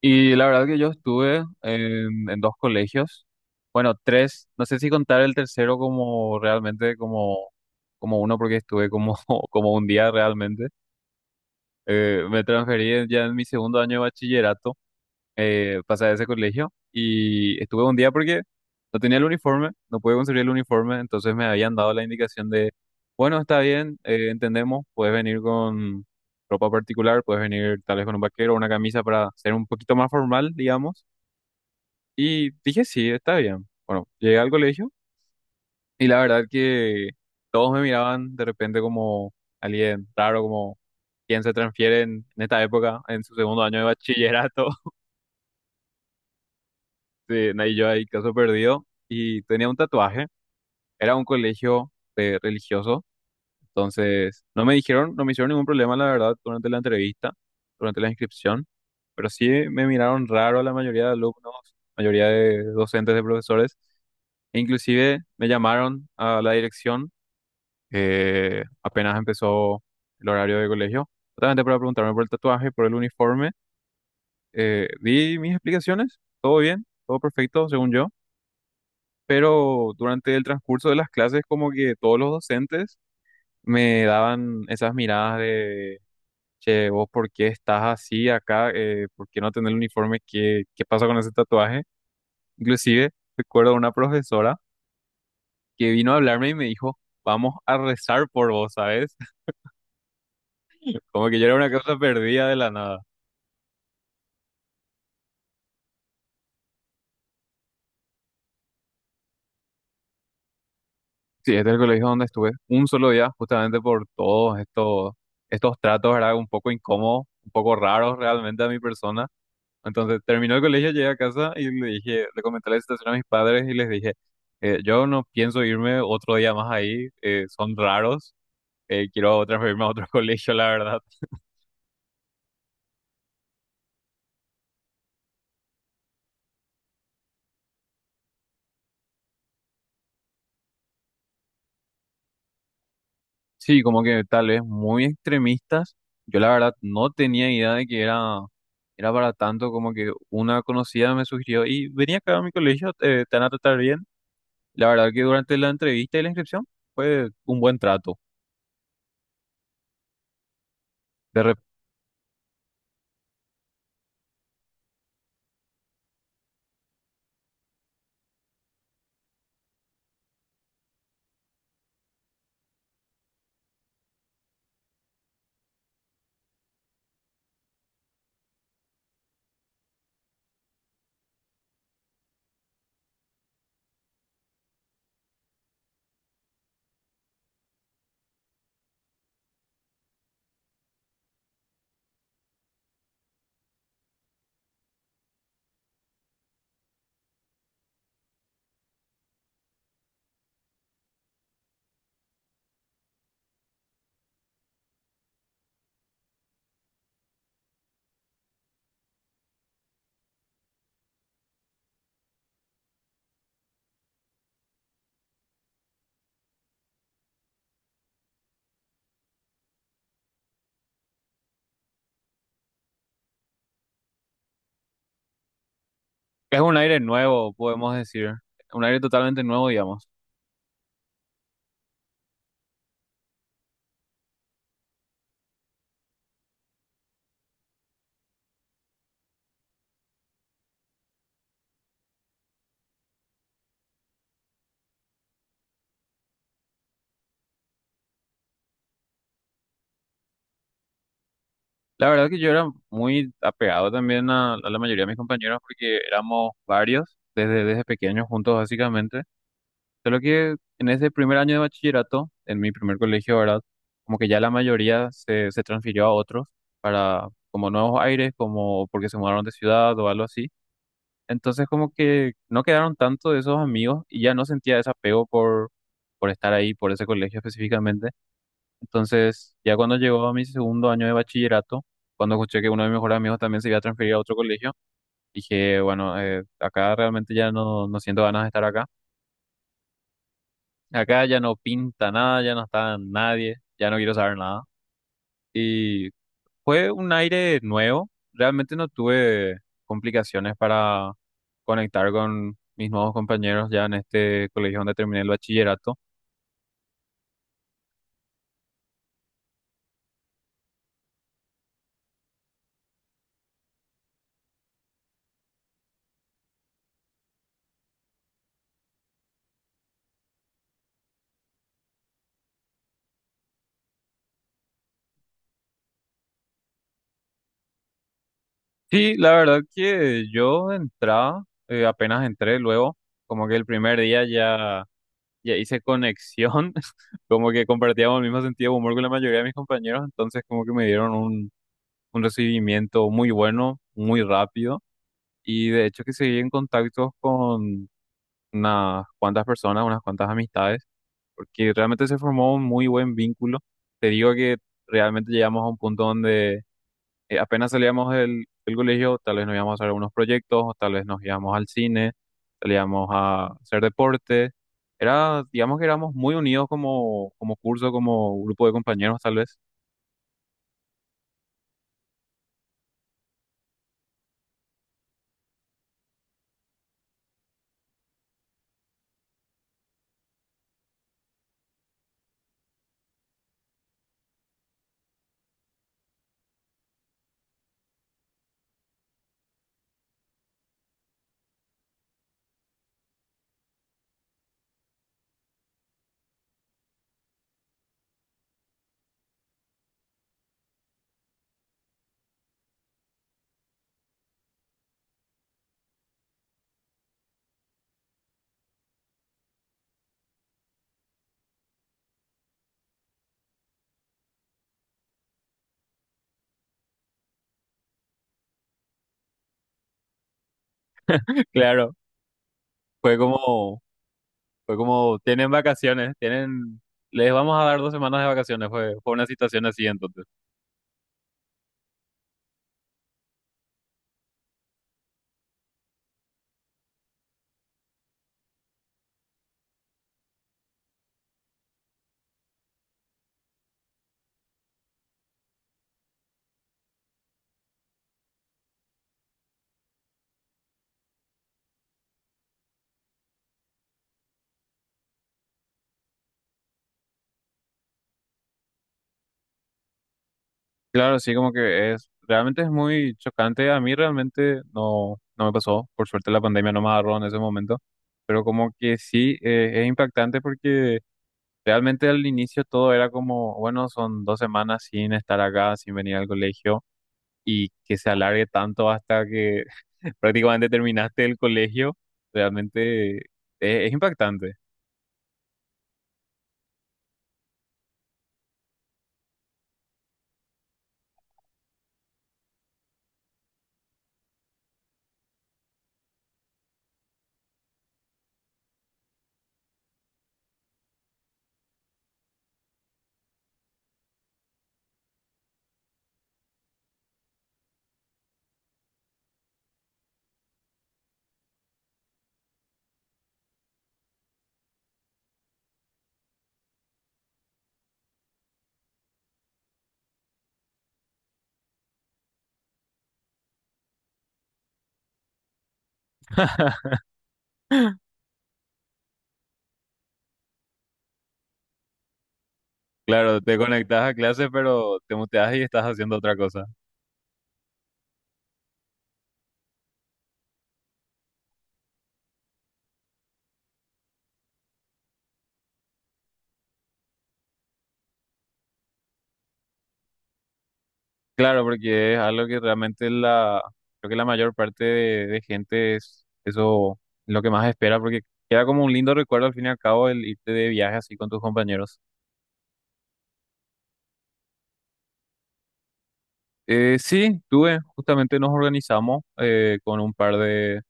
Y la verdad que yo estuve en dos colegios, bueno, tres, no sé si contar el tercero como realmente como uno porque estuve como, como un día realmente. Me transferí ya en mi segundo año de bachillerato, pasé a ese colegio y estuve un día porque no tenía el uniforme, no pude conseguir el uniforme, entonces me habían dado la indicación de, bueno, está bien, entendemos, puedes venir con ropa particular, puedes venir tal vez con un vaquero, una camisa para ser un poquito más formal, digamos y dije, sí, está bien. Bueno, llegué al colegio y la verdad que todos me miraban de repente como alguien raro, como quien se transfiere en esta época, en su segundo año de bachillerato. Sí, y yo ahí, caso perdido. Y tenía un tatuaje. Era un colegio religioso. Entonces, no me dijeron, no me hicieron ningún problema, la verdad, durante la entrevista, durante la inscripción. Pero sí me miraron raro la mayoría de alumnos, mayoría de docentes, de profesores. E inclusive me llamaron a la dirección apenas empezó el horario de colegio, justamente para preguntarme por el tatuaje, por el uniforme. Di mis explicaciones, todo bien, todo perfecto, según yo, pero durante el transcurso de las clases como que todos los docentes me daban esas miradas de, che, vos por qué estás así acá, ¿por qué no tenés el uniforme? ¿Qué, qué pasa con ese tatuaje? Inclusive recuerdo una profesora que vino a hablarme y me dijo, vamos a rezar por vos, ¿sabes? Como que yo era una cosa perdida de la nada. Sí, este es el colegio donde estuve un solo día, justamente por todos estos tratos, ¿verdad? Un poco incómodos, un poco raros realmente a mi persona. Entonces terminó el colegio, llegué a casa y le dije, le comenté la situación a mis padres y les dije, yo no pienso irme otro día más ahí, son raros, quiero transferirme a otro colegio, la verdad. Sí, como que tal vez muy extremistas. Yo la verdad no tenía idea de que era para tanto, como que una conocida me sugirió y venía acá a mi colegio, te van a tratar bien. La verdad que durante la entrevista y la inscripción fue un buen trato. De rep- es un aire nuevo, podemos decir, un aire totalmente nuevo, digamos. La verdad que yo era muy apegado también a la mayoría de mis compañeros porque éramos varios desde pequeños juntos básicamente. Solo que en ese primer año de bachillerato, en mi primer colegio, ¿verdad? Como que ya la mayoría se transfirió a otros para como nuevos aires, como porque se mudaron de ciudad o algo así. Entonces como que no quedaron tanto de esos amigos y ya no sentía ese apego por estar ahí, por ese colegio específicamente. Entonces ya cuando llegó a mi segundo año de bachillerato, cuando escuché que uno de mis mejores amigos también se iba a transferir a otro colegio, dije, bueno, acá realmente ya no siento ganas de estar acá. Acá ya no pinta nada, ya no está nadie, ya no quiero saber nada. Y fue un aire nuevo. Realmente no tuve complicaciones para conectar con mis nuevos compañeros ya en este colegio donde terminé el bachillerato. Sí, la verdad que yo entraba, apenas entré luego, como que el primer día ya, ya hice conexión, como que compartíamos el mismo sentido de humor con la mayoría de mis compañeros, entonces como que me dieron un recibimiento muy bueno, muy rápido. Y de hecho que seguí en contacto con unas cuantas personas, unas cuantas amistades, porque realmente se formó un muy buen vínculo. Te digo que realmente llegamos a un punto donde apenas salíamos del colegio, tal vez nos íbamos a hacer unos proyectos, o tal vez nos íbamos al cine, salíamos a hacer deporte. Era, digamos que éramos muy unidos como, como curso, como grupo de compañeros, tal vez. Claro. Fue como, Fue como, tienen vacaciones, tienen, les vamos a dar dos semanas de vacaciones, fue, fue una situación así entonces. Claro, sí, como que es, realmente es muy chocante. A mí realmente no, no me pasó. Por suerte la pandemia no me agarró en ese momento. Pero como que sí, es impactante porque realmente al inicio todo era como, bueno, son dos semanas sin estar acá, sin venir al colegio y que se alargue tanto hasta que prácticamente terminaste el colegio, realmente es impactante. Claro, te conectas a clase, pero te muteas y estás haciendo otra cosa. Claro, porque es algo que realmente creo que la mayor parte de gente es eso lo que más espera, porque queda como un lindo recuerdo al fin y al cabo el irte de viaje así con tus compañeros. Sí, tuve, justamente nos organizamos con un par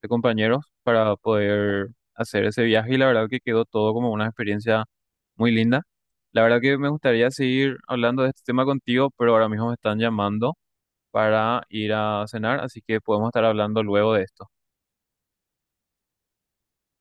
de compañeros para poder hacer ese viaje y la verdad que quedó todo como una experiencia muy linda. La verdad que me gustaría seguir hablando de este tema contigo, pero ahora mismo me están llamando para ir a cenar, así que podemos estar hablando luego de esto.